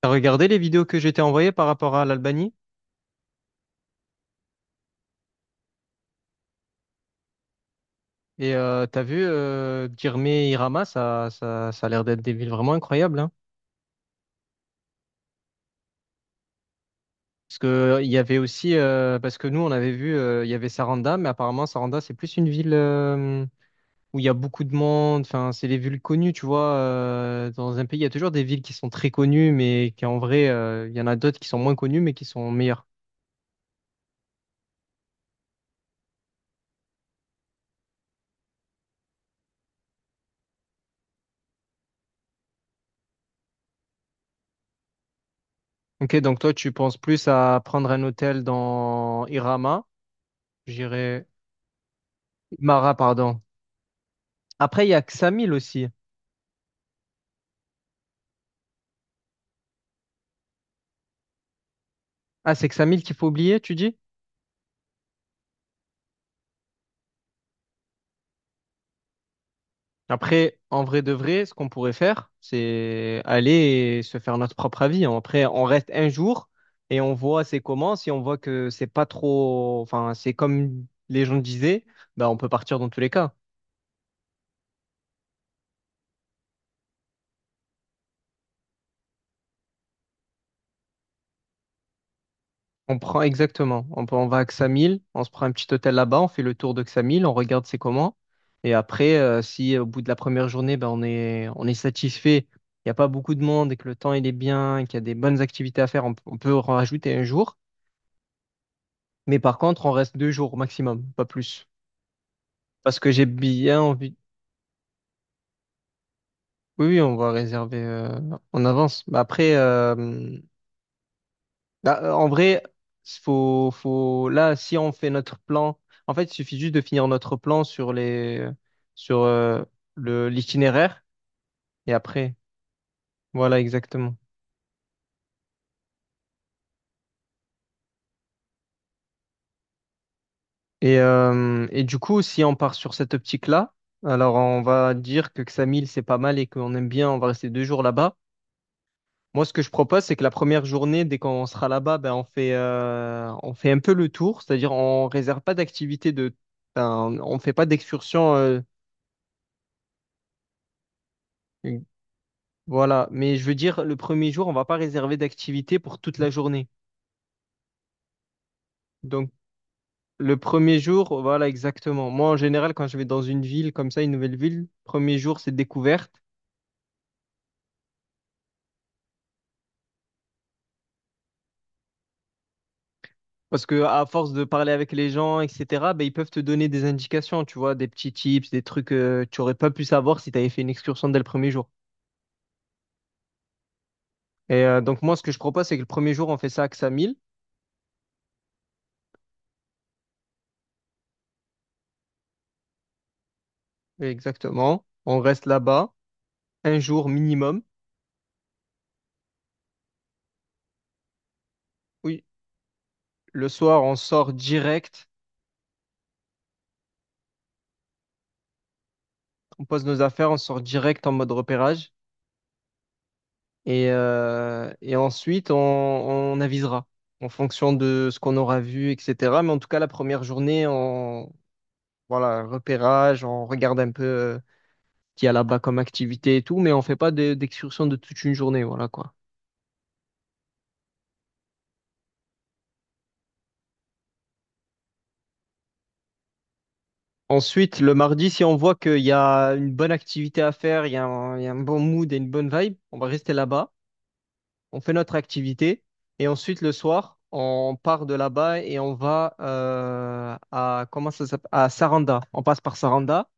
T'as regardé les vidéos que j'étais t'ai envoyées par rapport à l'Albanie et t'as vu Girne et Irama, ça a l'air d'être des villes vraiment incroyables, hein. Parce que il y avait aussi, parce que nous on avait vu, il y avait Saranda, mais apparemment Saranda c'est plus une ville où il y a beaucoup de monde. Enfin, c'est les villes connues, tu vois. Dans un pays, il y a toujours des villes qui sont très connues, mais qui en vrai, il y en a d'autres qui sont moins connues, mais qui sont meilleures. Ok, donc toi tu penses plus à prendre un hôtel dans Irama, j'irais Mara, pardon. Après, il y a Xamil aussi. Ah, c'est Xamil qu'il faut oublier, tu dis? Après, en vrai de vrai, ce qu'on pourrait faire, c'est aller et se faire notre propre avis. Après, on reste un jour et on voit c'est comment. Si on voit que c'est pas trop, enfin, c'est comme les gens disaient, bah, on peut partir dans tous les cas. On prend exactement. On va à Xamil, on se prend un petit hôtel là-bas, on fait le tour de Xamil, on regarde c'est comment. Et après, si au bout de la première journée, ben, on est satisfait, il n'y a pas beaucoup de monde et que le temps il est bien, et qu'il y a des bonnes activités à faire, on peut en rajouter un jour. Mais par contre, on reste 2 jours au maximum, pas plus. Parce que j'ai bien envie. Oui, oui, on va réserver en avance. Mais après, bah, en vrai, faut, là, si on fait notre plan, en fait, il suffit juste de finir notre plan sur sur euh, l'itinéraire et après, voilà, exactement. Et du coup, si on part sur cette optique-là, alors on va dire que Xamil, c'est pas mal et qu'on aime bien, on va rester 2 jours là-bas. Moi, ce que je propose, c'est que la première journée, dès qu'on sera là-bas, ben, on fait un peu le tour, c'est-à-dire on réserve pas d'activité de, ben, on fait pas d'excursion. Voilà, mais je veux dire, le premier jour, on va pas réserver d'activité pour toute la journée. Donc, le premier jour, voilà, exactement. Moi, en général, quand je vais dans une ville comme ça, une nouvelle ville, premier jour, c'est découverte. Parce que à force de parler avec les gens, etc., ben, ils peuvent te donner des indications, tu vois, des petits tips, des trucs que tu aurais pas pu savoir si tu avais fait une excursion dès le premier jour. Et donc, moi, ce que je propose, c'est que le premier jour, on fait ça à Ksamil. Exactement. On reste là-bas, un jour minimum. Oui, le soir, on sort direct. On pose nos affaires, on sort direct en mode repérage et ensuite on avisera en fonction de ce qu'on aura vu, etc. Mais en tout cas, la première journée, voilà, repérage, on regarde un peu ce qu'il y a là-bas comme activité et tout, mais on fait pas d'excursion de toute une journée, voilà quoi. Ensuite, le mardi, si on voit qu'il y a une bonne activité à faire, il y a un bon mood et une bonne vibe, on va rester là-bas. On fait notre activité et ensuite le soir, on part de là-bas et on va à comment ça s'appelle? À Saranda. On passe par Saranda.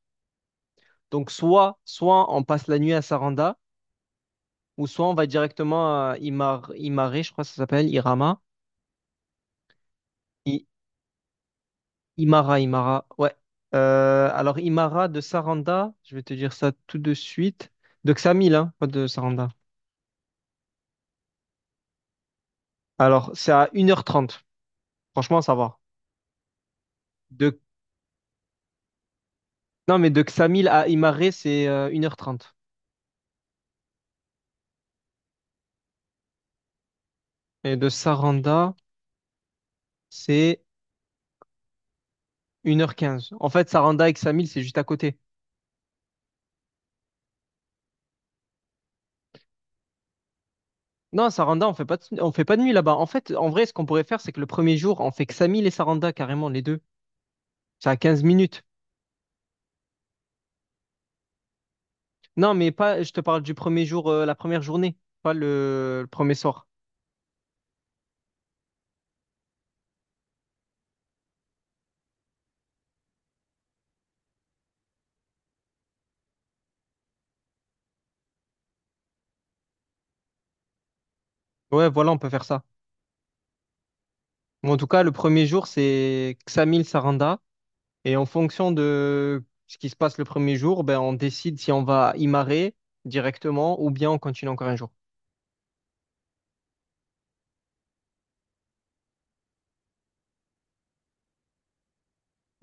Donc soit on passe la nuit à Saranda ou soit on va directement à Imare, je crois que ça s'appelle Irama. I- Imara. Ouais. Alors, Imara de Saranda, je vais te dire ça tout de suite. De Xamil, hein, pas de Saranda. Alors, c'est à 1h30. Franchement, ça va. De... Non, mais de Xamil à Imare, c'est 1h30. Et de Saranda, c'est 1h15. En fait, Saranda et Xamil, c'est juste à côté. Non, Saranda, on fait pas de, nuit là-bas. En fait, en vrai, ce qu'on pourrait faire, c'est que le premier jour, on fait Xamil et Saranda, carrément, les deux. C'est à 15 minutes. Non, mais pas, je te parle du premier jour, la première journée, pas le premier soir. Ouais, voilà, on peut faire ça. Bon, en tout cas, le premier jour, c'est Xamil, Saranda. Et en fonction de ce qui se passe le premier jour, ben, on décide si on va y marrer directement ou bien on continue encore un jour.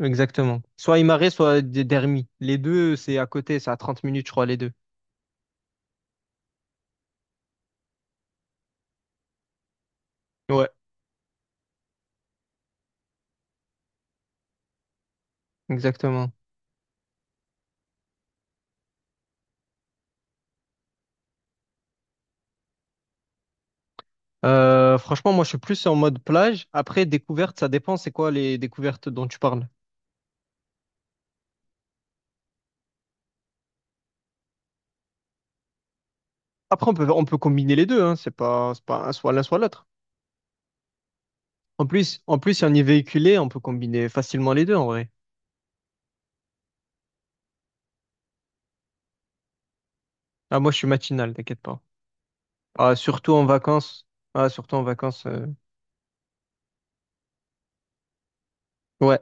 Exactement. Soit Imare, soit Dermi. Les deux, c'est à côté, c'est à 30 minutes, je crois, les deux. Ouais. Exactement. Franchement, moi, je suis plus en mode plage. Après, découverte, ça dépend, c'est quoi les découvertes dont tu parles. Après, on peut combiner les deux, hein. C'est pas soit l'un, soit l'autre. En plus, si on y est véhiculé, on peut combiner facilement les deux, en vrai. Ah, moi, je suis matinal, t'inquiète pas. Ah, surtout en vacances. Ah, surtout en vacances. Ouais,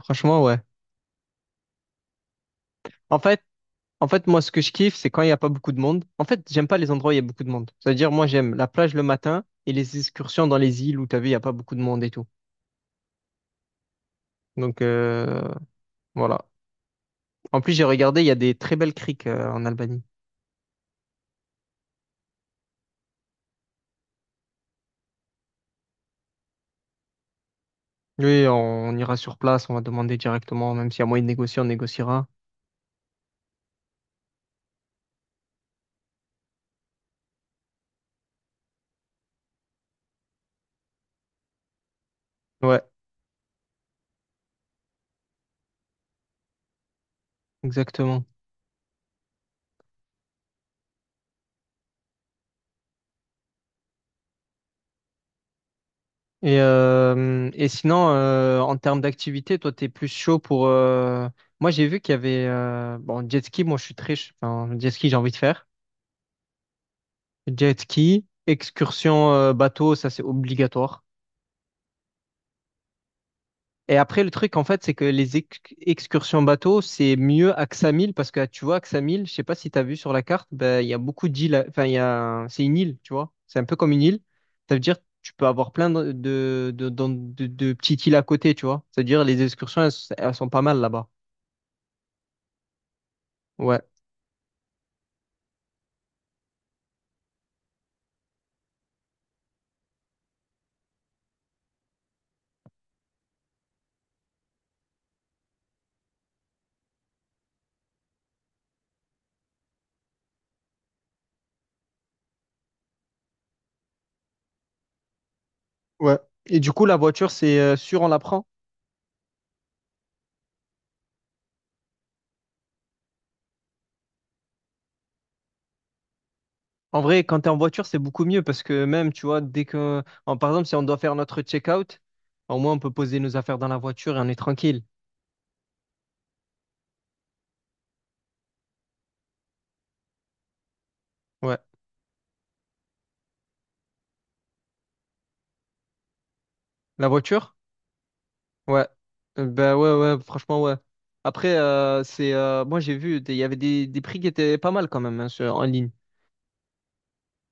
franchement, ouais. En fait, En fait, moi, ce que je kiffe, c'est quand il n'y a pas beaucoup de monde. En fait, j'aime pas les endroits où il y a beaucoup de monde. C'est-à-dire, moi, j'aime la plage le matin et les excursions dans les îles où, t'as vu, il n'y a pas beaucoup de monde et tout. Donc, voilà. En plus, j'ai regardé, il y a des très belles criques en Albanie. Oui, on ira sur place, on va demander directement, même s'il y a moyen de négocier, on négociera. Ouais, exactement. Et sinon, en termes d'activité, toi, t'es plus chaud pour... Moi, j'ai vu qu'il y avait... bon, jet ski, moi, je suis très... Enfin, jet ski, j'ai envie de faire. Jet ski, excursion bateau, ça c'est obligatoire. Et après, le truc, en fait, c'est que les excursions bateau, c'est mieux à Ksamil parce que tu vois, Ksamil, je sais pas si tu as vu sur la carte, ben, il y a beaucoup d'îles. Enfin, il y a... c'est une île, tu vois. C'est un peu comme une île. Ça veut dire tu peux avoir plein de petites îles à côté, tu vois. C'est-à-dire les excursions, elles sont pas mal là-bas. Ouais. Ouais. Et du coup, la voiture, c'est sûr, on la prend? En vrai, quand t'es en voiture, c'est beaucoup mieux parce que même, tu vois, dès que, par exemple, si on doit faire notre check-out, au moins on peut poser nos affaires dans la voiture et on est tranquille. Ouais. La voiture? Ouais. Ben ouais, ouais, franchement, ouais. Après, moi j'ai vu, des- il y avait des prix qui étaient pas mal quand même hein, en ligne.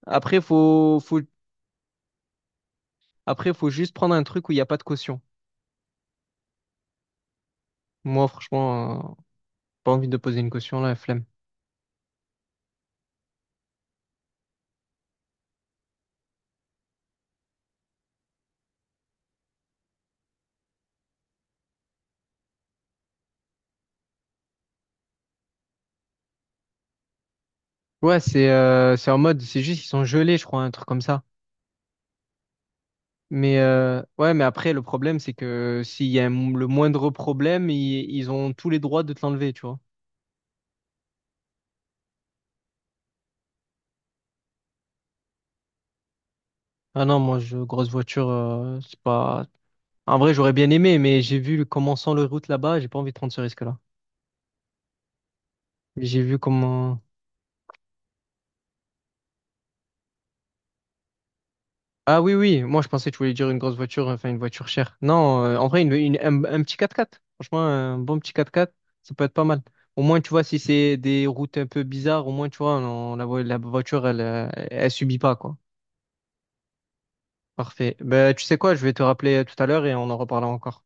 Après, faut juste prendre un truc où il n'y a pas de caution. Moi, franchement, pas envie de poser une caution là, flemme. Ouais, c'est en mode, c'est juste ils sont gelés, je crois, un truc comme ça. Mais ouais, mais après, le problème, c'est que s'il y a le moindre problème, ils ont tous les droits de te l'enlever, tu vois. Ah non, moi, grosse voiture, c'est pas. En vrai, j'aurais bien aimé, mais j'ai vu comment sont les routes là-bas, j'ai pas envie de prendre ce risque-là. J'ai vu comment. Ah oui, oui, moi, je pensais que tu voulais dire une grosse voiture, enfin, une voiture chère. Non, en vrai, un petit quatre quatre. Franchement, un bon petit quatre quatre ça peut être pas mal. Au moins, tu vois, si c'est des routes un peu bizarres, au moins, tu vois, la voiture, elle subit pas, quoi. Parfait. Ben, tu sais quoi, je vais te rappeler tout à l'heure et on en reparlera encore.